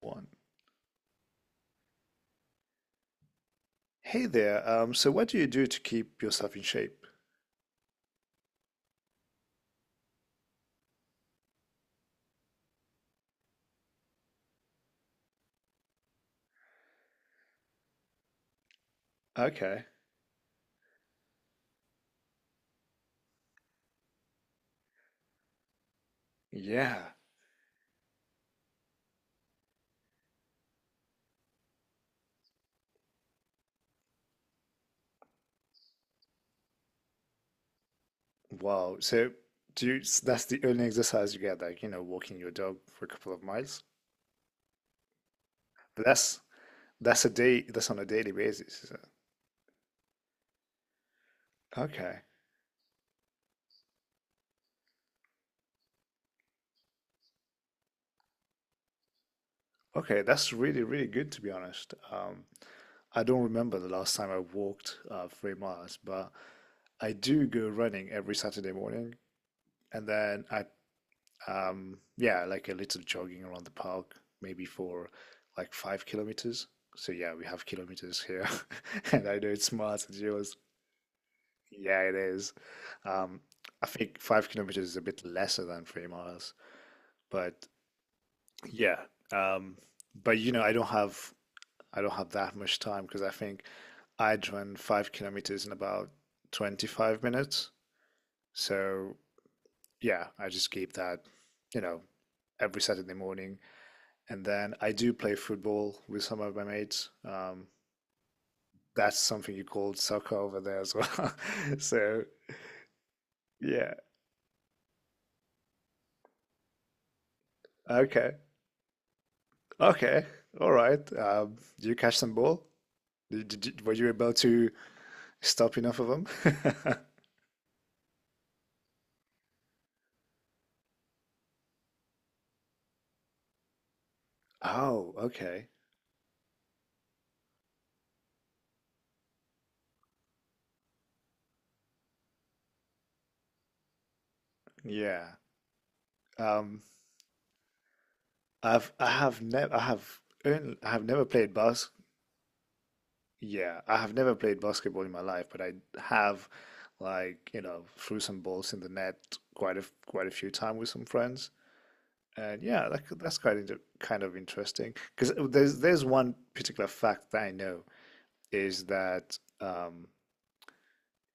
One. Hey there. So what do you do to keep yourself in shape? Okay. Yeah. Wow. So do you, that's the only exercise you get, like, you know, walking your dog for a couple of miles. But that's a day that's on a daily basis, is it? Okay. Okay, that's really, really good to be honest. I don't remember the last time I walked 3 miles, but I do go running every Saturday morning, and then I yeah, like a little jogging around the park, maybe for like 5 kilometers. So yeah, we have kilometers here, and I know it's miles and yours. Yeah, it is. Um, I think 5 kilometers is a bit lesser than 3 miles, but yeah. Um, but you know, I don't have that much time because I think I'd run 5 kilometers in about 25 minutes. So yeah, I just keep that, you know, every Saturday morning. And then I do play football with some of my mates. That's something you call soccer over there as well. So yeah, okay, okay, all right. Do you catch some ball? Were you able to stop enough of them? Oh, okay, yeah. Um, I've I have never I have I have never played bas yeah, I have never played basketball in my life, but I have, like, you know, threw some balls in the net quite a few times with some friends. And yeah, that's quite inter kind of interesting because there's one particular fact that I know is that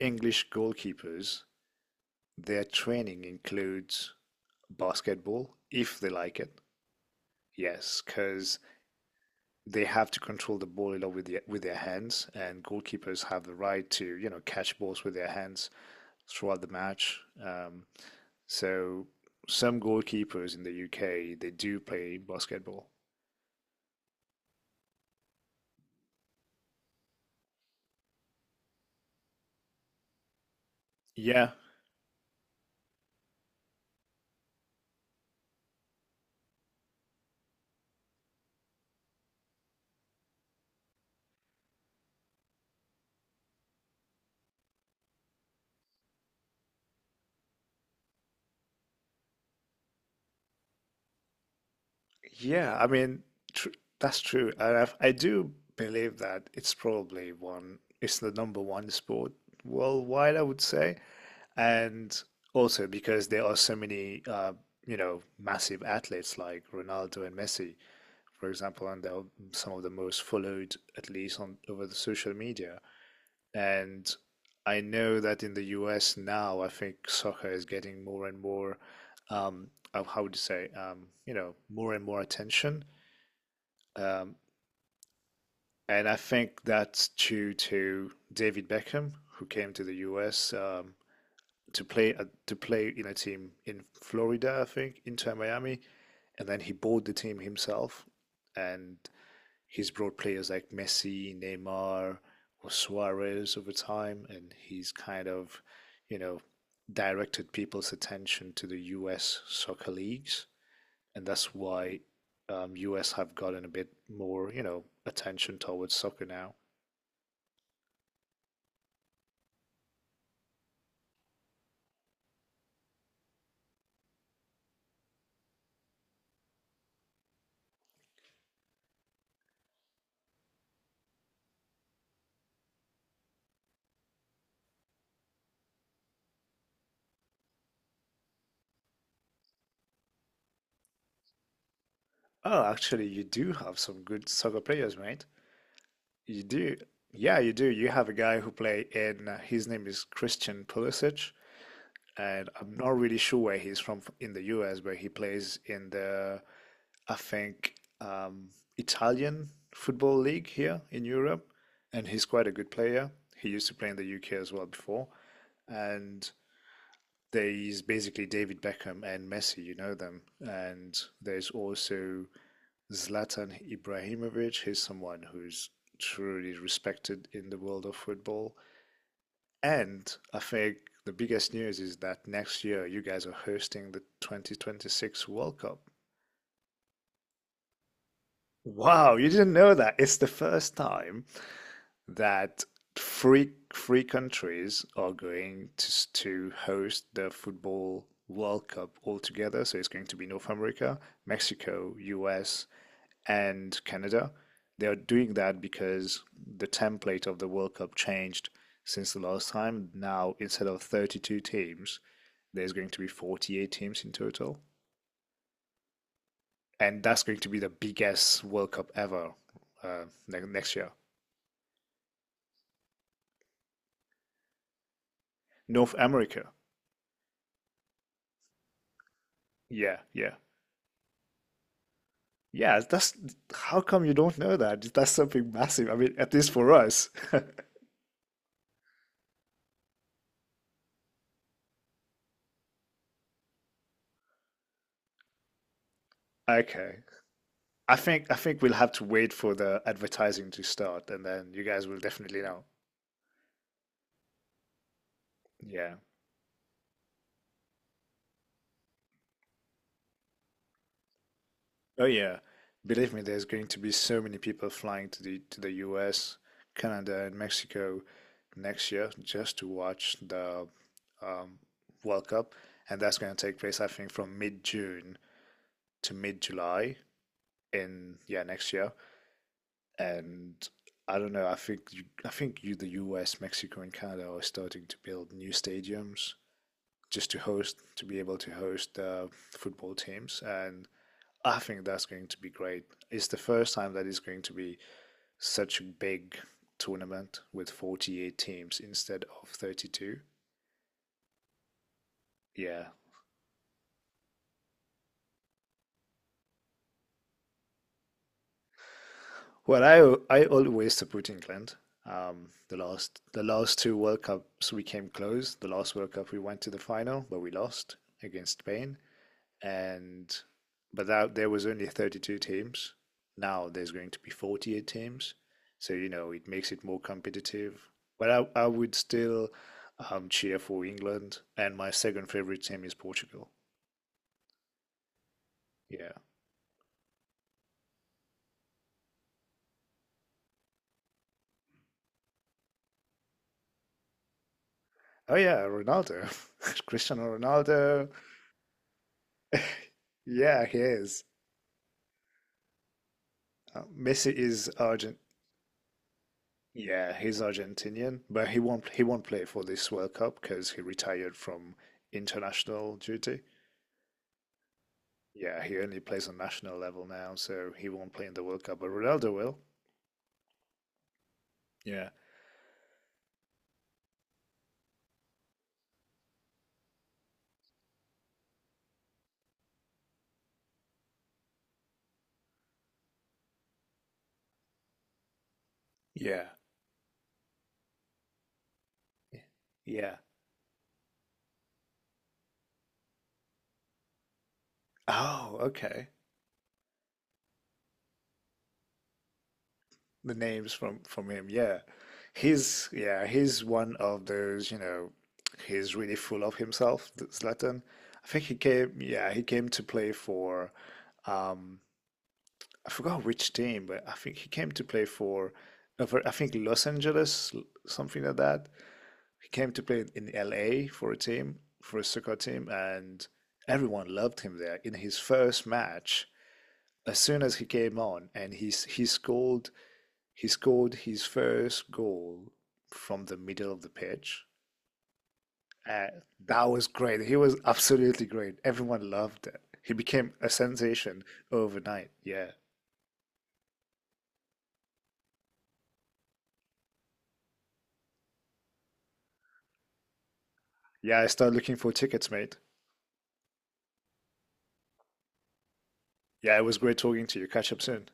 English goalkeepers, their training includes basketball if they like it. Yes, because they have to control the ball a lot with with their hands, and goalkeepers have the right to, you know, catch balls with their hands throughout the match. So some goalkeepers in the UK they do play basketball. Yeah, yeah. I mean, tr that's true. And I do believe that it's probably one. It's the number one sport worldwide, I would say, and also because there are so many, you know, massive athletes like Ronaldo and Messi, for example, and they're some of the most followed, at least on over the social media. And I know that in the US now, I think soccer is getting more and more, um, how would you say, you know, more and more attention. Um, and I think that's due to David Beckham, who came to the US to play in a team in Florida, I think, Inter Miami, and then he bought the team himself, and he's brought players like Messi, Neymar, or Suarez over time, and he's kind of, you know, directed people's attention to the U.S. soccer leagues, and that's why U.S. have gotten a bit more, you know, attention towards soccer now. Oh, actually, you do have some good soccer players, mate. You do. Yeah, you do. You have a guy who play in, his name is Christian Pulisic, and I'm not really sure where he's from in the US, but he plays in the I think, um, Italian football league here in Europe, and he's quite a good player. He used to play in the UK as well before, and there's basically David Beckham and Messi, you know them, and there's also Zlatan Ibrahimovic. He's someone who's truly respected in the world of football, and I think the biggest news is that next year you guys are hosting the 2026 World Cup. Wow, you didn't know that. It's the first time that three countries are going to host the football World Cup altogether. So it's going to be North America, Mexico, US, and Canada. They are doing that because the template of the World Cup changed since the last time. Now, instead of 32 teams, there's going to be 48 teams in total. And that's going to be the biggest World Cup ever, uh, next year. North America. Yeah, yeah. Yeah, that's how come you don't know that? That's something massive. I mean, at least for us. Okay. I think we'll have to wait for the advertising to start and then you guys will definitely know. Yeah. Oh yeah. Believe me, there's going to be so many people flying to the US, Canada and Mexico next year just to watch the um, World Cup, and that's going to take place I think from mid-June to mid-July in, yeah, next year. And I don't know. The U.S., Mexico, and Canada are starting to build new stadiums just to host to be able to host football teams, and I think that's going to be great. It's the first time that it's going to be such a big tournament with 48 teams instead of 32. Yeah. Well, I always support England. The last two World Cups we came close. The last World Cup we went to the final, but we lost against Spain. And but that there was only 32 teams. Now there's going to be 48 teams, so you know it makes it more competitive. But I would still, cheer for England, and my second favorite team is Portugal. Yeah. Oh yeah, Ronaldo, Cristiano Ronaldo. Yeah, he is. Messi is Argent. Yeah, he's Argentinian, but he won't play for this World Cup because he retired from international duty. Yeah, he only plays on national level now, so he won't play in the World Cup, but Ronaldo will. Yeah. Yeah. Yeah. Oh, okay. The names from him. Yeah. He's one of those, you know, he's really full of himself, Zlatan. I think he came yeah, he came to play for um I forgot which team, but I think he came to play for I think Los Angeles, something like that. He came to play in LA for a team, for a soccer team, and everyone loved him there. In his first match, as soon as he came on, and he scored his first goal from the middle of the pitch. Uh, that was great. He was absolutely great. Everyone loved it. He became a sensation overnight. Yeah, yeah. I started looking for tickets, mate. Yeah, it was great talking to you. Catch up soon.